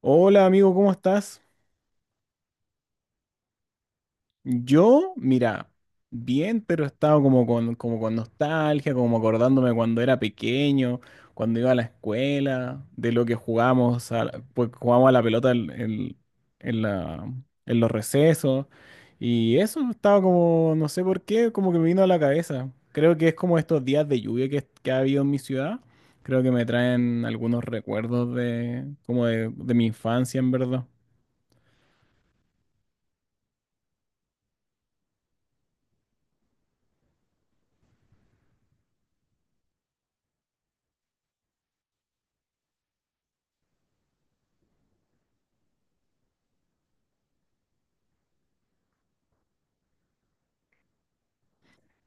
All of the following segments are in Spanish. Hola amigo, ¿cómo estás? Yo, mira, bien, pero estaba como con nostalgia, como acordándome cuando era pequeño, cuando iba a la escuela, de lo que jugábamos, pues jugábamos a la pelota en la- en los recesos. Y eso estaba como, no sé por qué, como que me vino a la cabeza. Creo que es como estos días de lluvia que ha habido en mi ciudad. Creo que me traen algunos recuerdos de, como de mi infancia, en verdad.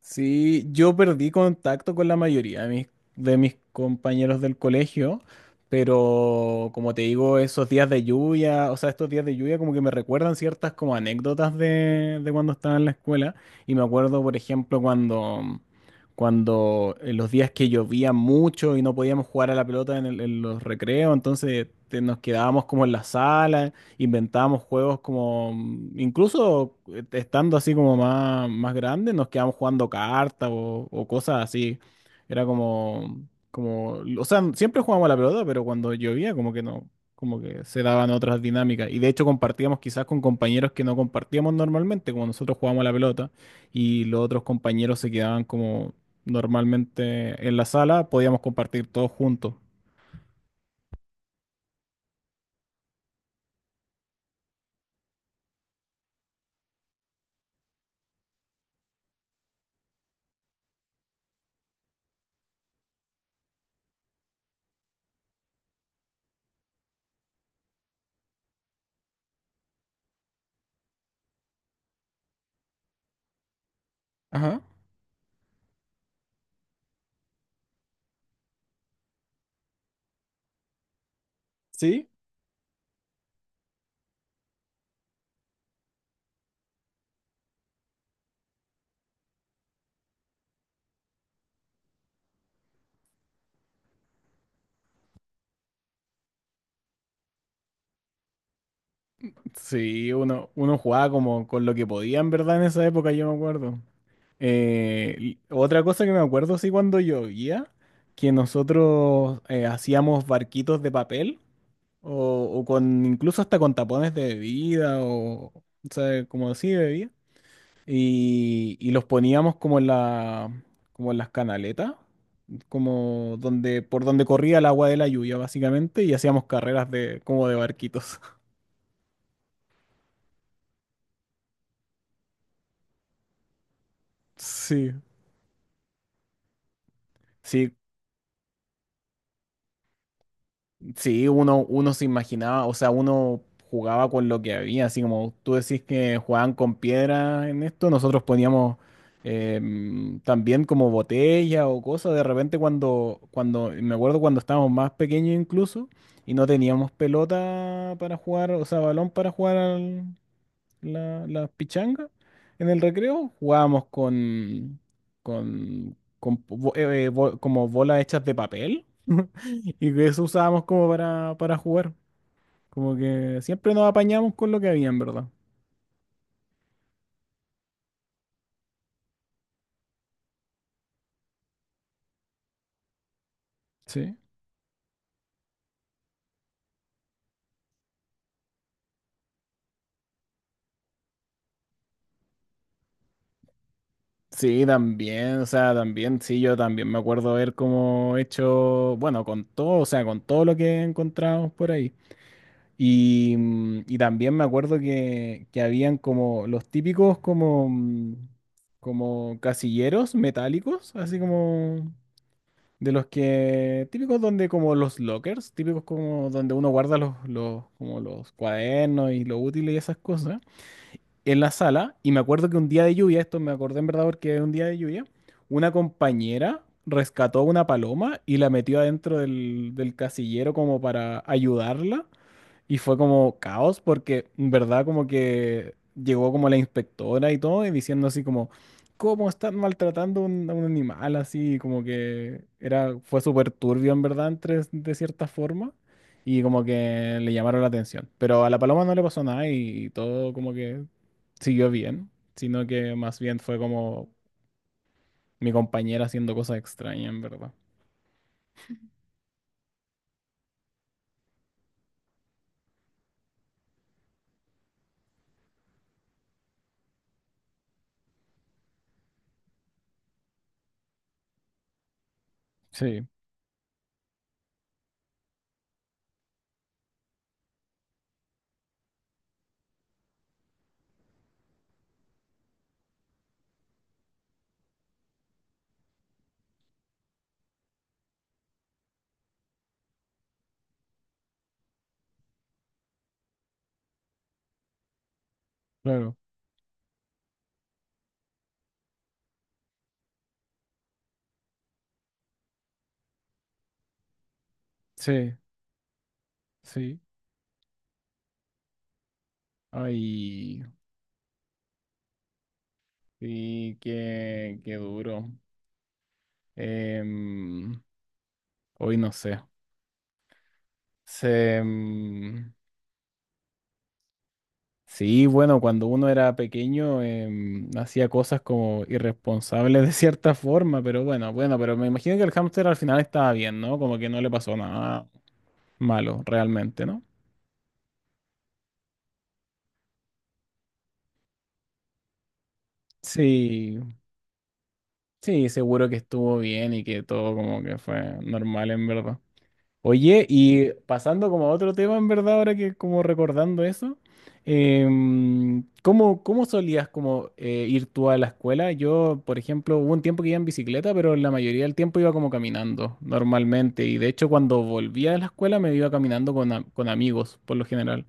Sí, yo perdí contacto con la mayoría de mis compañeros del colegio, pero como te digo, esos días de lluvia, o sea, estos días de lluvia como que me recuerdan ciertas como anécdotas de cuando estaba en la escuela. Y me acuerdo, por ejemplo, cuando en los días que llovía mucho y no podíamos jugar a la pelota en, en los recreos, entonces nos quedábamos como en la sala, inventábamos juegos como, incluso estando así como más, más grandes, nos quedábamos jugando cartas o cosas así. Era como, como, o sea, siempre jugábamos a la pelota, pero cuando llovía como que no, como que se daban otras dinámicas. Y de hecho compartíamos quizás con compañeros que no compartíamos normalmente, como nosotros jugábamos a la pelota y los otros compañeros se quedaban como normalmente en la sala, podíamos compartir todos juntos. Ajá. Sí. Sí, uno, uno jugaba como con lo que podía, en verdad, en esa época, yo me acuerdo. Y otra cosa que me acuerdo, sí, cuando llovía, que nosotros hacíamos barquitos de papel, o, o con incluso hasta con tapones de bebida, o sea, como así de bebida, y los poníamos como en la, como en las canaletas, como donde, por donde corría el agua de la lluvia, básicamente, y hacíamos carreras de, como de barquitos. Sí. Sí, sí, uno, uno se imaginaba, o sea, uno jugaba con lo que había, así como tú decís que jugaban con piedra en esto, nosotros poníamos también como botella o cosas, de repente me acuerdo cuando estábamos más pequeños incluso, y no teníamos pelota para jugar, o sea, balón para jugar la pichanga. En el recreo jugábamos con como bolas hechas de papel y que eso usábamos como para jugar. Como que siempre nos apañamos con lo que había, en verdad. Sí. Sí, también, o sea, también, sí, yo también me acuerdo haber como hecho, bueno, con todo, o sea, con todo lo que encontramos por ahí. Y también me acuerdo que habían como los típicos como, como casilleros metálicos, así como de los que típicos donde como los lockers, típicos como donde uno guarda los, como los cuadernos y los útiles y esas cosas, en la sala. Y me acuerdo que un día de lluvia, esto me acordé en verdad porque es un día de lluvia, una compañera rescató una paloma y la metió adentro del casillero como para ayudarla. Y fue como caos porque, en verdad, como que llegó como la inspectora y todo, y diciendo así como, ¿cómo están maltratando a a un animal? Así como que era, fue súper turbio, en verdad, entre, de cierta forma, y como que le llamaron la atención. Pero a la paloma no le pasó nada y todo como que siguió bien, sino que más bien fue como mi compañera haciendo cosas extrañas, en verdad. Sí, claro. Sí, sí. Ay. Sí, qué, qué duro. Em, Hoy no sé. Se, em, sí, bueno, cuando uno era pequeño hacía cosas como irresponsables de cierta forma, pero bueno, bueno, pero me imagino que el hámster al final estaba bien, ¿no? Como que no le pasó nada malo realmente, ¿no? Sí, sí, seguro que estuvo bien y que todo como que fue normal en verdad. Oye, y pasando como a otro tema, en verdad, ahora que como recordando eso, ¿cómo, cómo solías como ir tú a la escuela? Yo, por ejemplo, hubo un tiempo que iba en bicicleta, pero la mayoría del tiempo iba como caminando normalmente. Y de hecho, cuando volvía de la escuela me iba caminando con amigos, por lo general.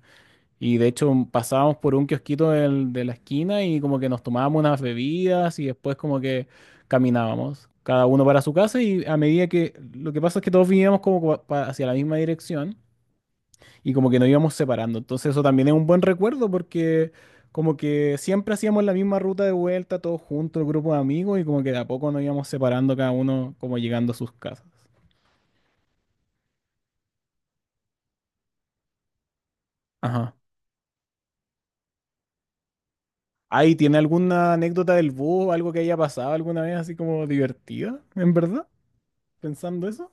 Y de hecho pasábamos por un kiosquito de la esquina y como que nos tomábamos unas bebidas y después como que caminábamos, cada uno para su casa y a medida que lo que pasa es que todos vivíamos como hacia la misma dirección y como que nos íbamos separando. Entonces eso también es un buen recuerdo porque como que siempre hacíamos la misma ruta de vuelta todos juntos, el grupo de amigos y como que de a poco nos íbamos separando cada uno como llegando a sus casas. Ajá. Ay, ¿tiene alguna anécdota del bus, algo que haya pasado alguna vez así como divertida, en verdad? Pensando eso.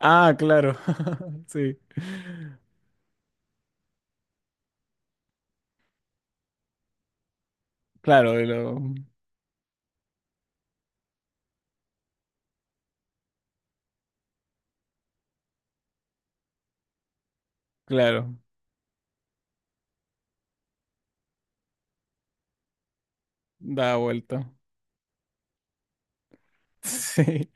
Ah, claro, sí. Claro, de lo, claro, da vuelta. Sí.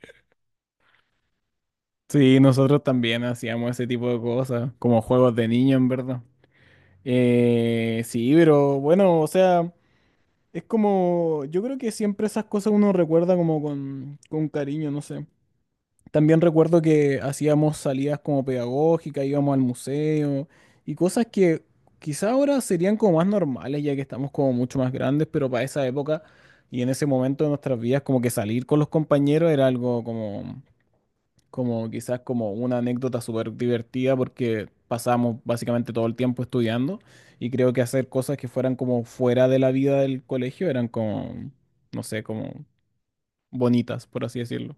Sí, nosotros también hacíamos ese tipo de cosas, como juegos de niño, en verdad. Sí, pero bueno, o sea, es como, yo creo que siempre esas cosas uno recuerda como con cariño, no sé. También recuerdo que hacíamos salidas como pedagógicas, íbamos al museo y cosas que quizá ahora serían como más normales ya que estamos como mucho más grandes, pero para esa época y en ese momento de nuestras vidas como que salir con los compañeros era algo como, como quizás como una anécdota súper divertida porque pasábamos básicamente todo el tiempo estudiando y creo que hacer cosas que fueran como fuera de la vida del colegio eran como, no sé, como bonitas, por así decirlo.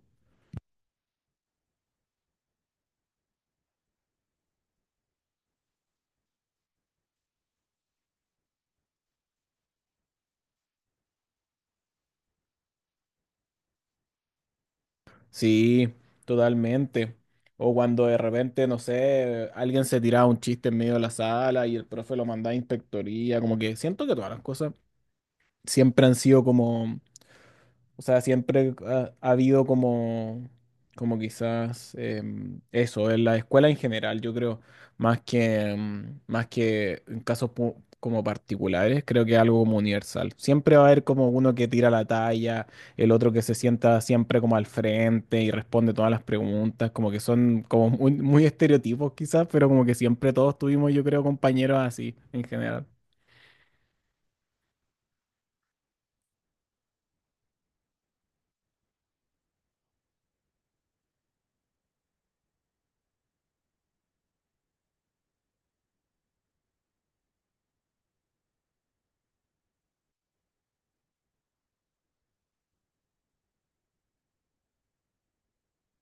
Sí, totalmente. O cuando de repente, no sé, alguien se tiraba un chiste en medio de la sala y el profe lo mandaba a inspectoría, como que siento que todas las cosas siempre han sido como, o sea, siempre ha habido como, como quizás eso, en la escuela en general, yo creo, más más que en casos como particulares, creo que es algo como universal. Siempre va a haber como uno que tira la talla, el otro que se sienta siempre como al frente y responde todas las preguntas, como que son como muy, muy estereotipos quizás, pero como que siempre todos tuvimos, yo creo, compañeros así en general.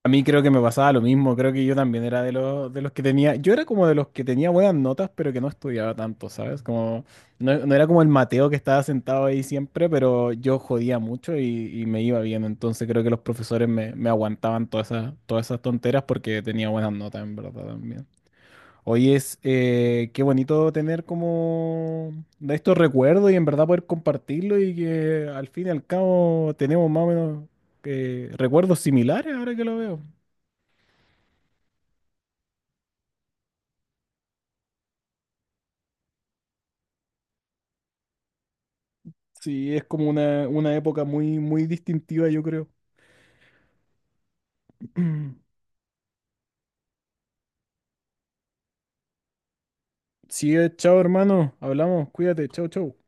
A mí creo que me pasaba lo mismo, creo que yo también era de los que tenía, yo era como de los que tenía buenas notas, pero que no estudiaba tanto, ¿sabes? Como, no, no era como el Mateo que estaba sentado ahí siempre, pero yo jodía mucho y me iba bien, entonces creo que los profesores me aguantaban todas todas esas tonteras porque tenía buenas notas, en verdad, también. Hoy es, qué bonito tener como de estos recuerdos y en verdad poder compartirlo y que al fin y al cabo tenemos más o menos recuerdos similares ahora que lo veo. Sí, es como una época muy, muy distintiva, yo creo. Sí, chao, hermano. Hablamos. Cuídate. Chao, chao.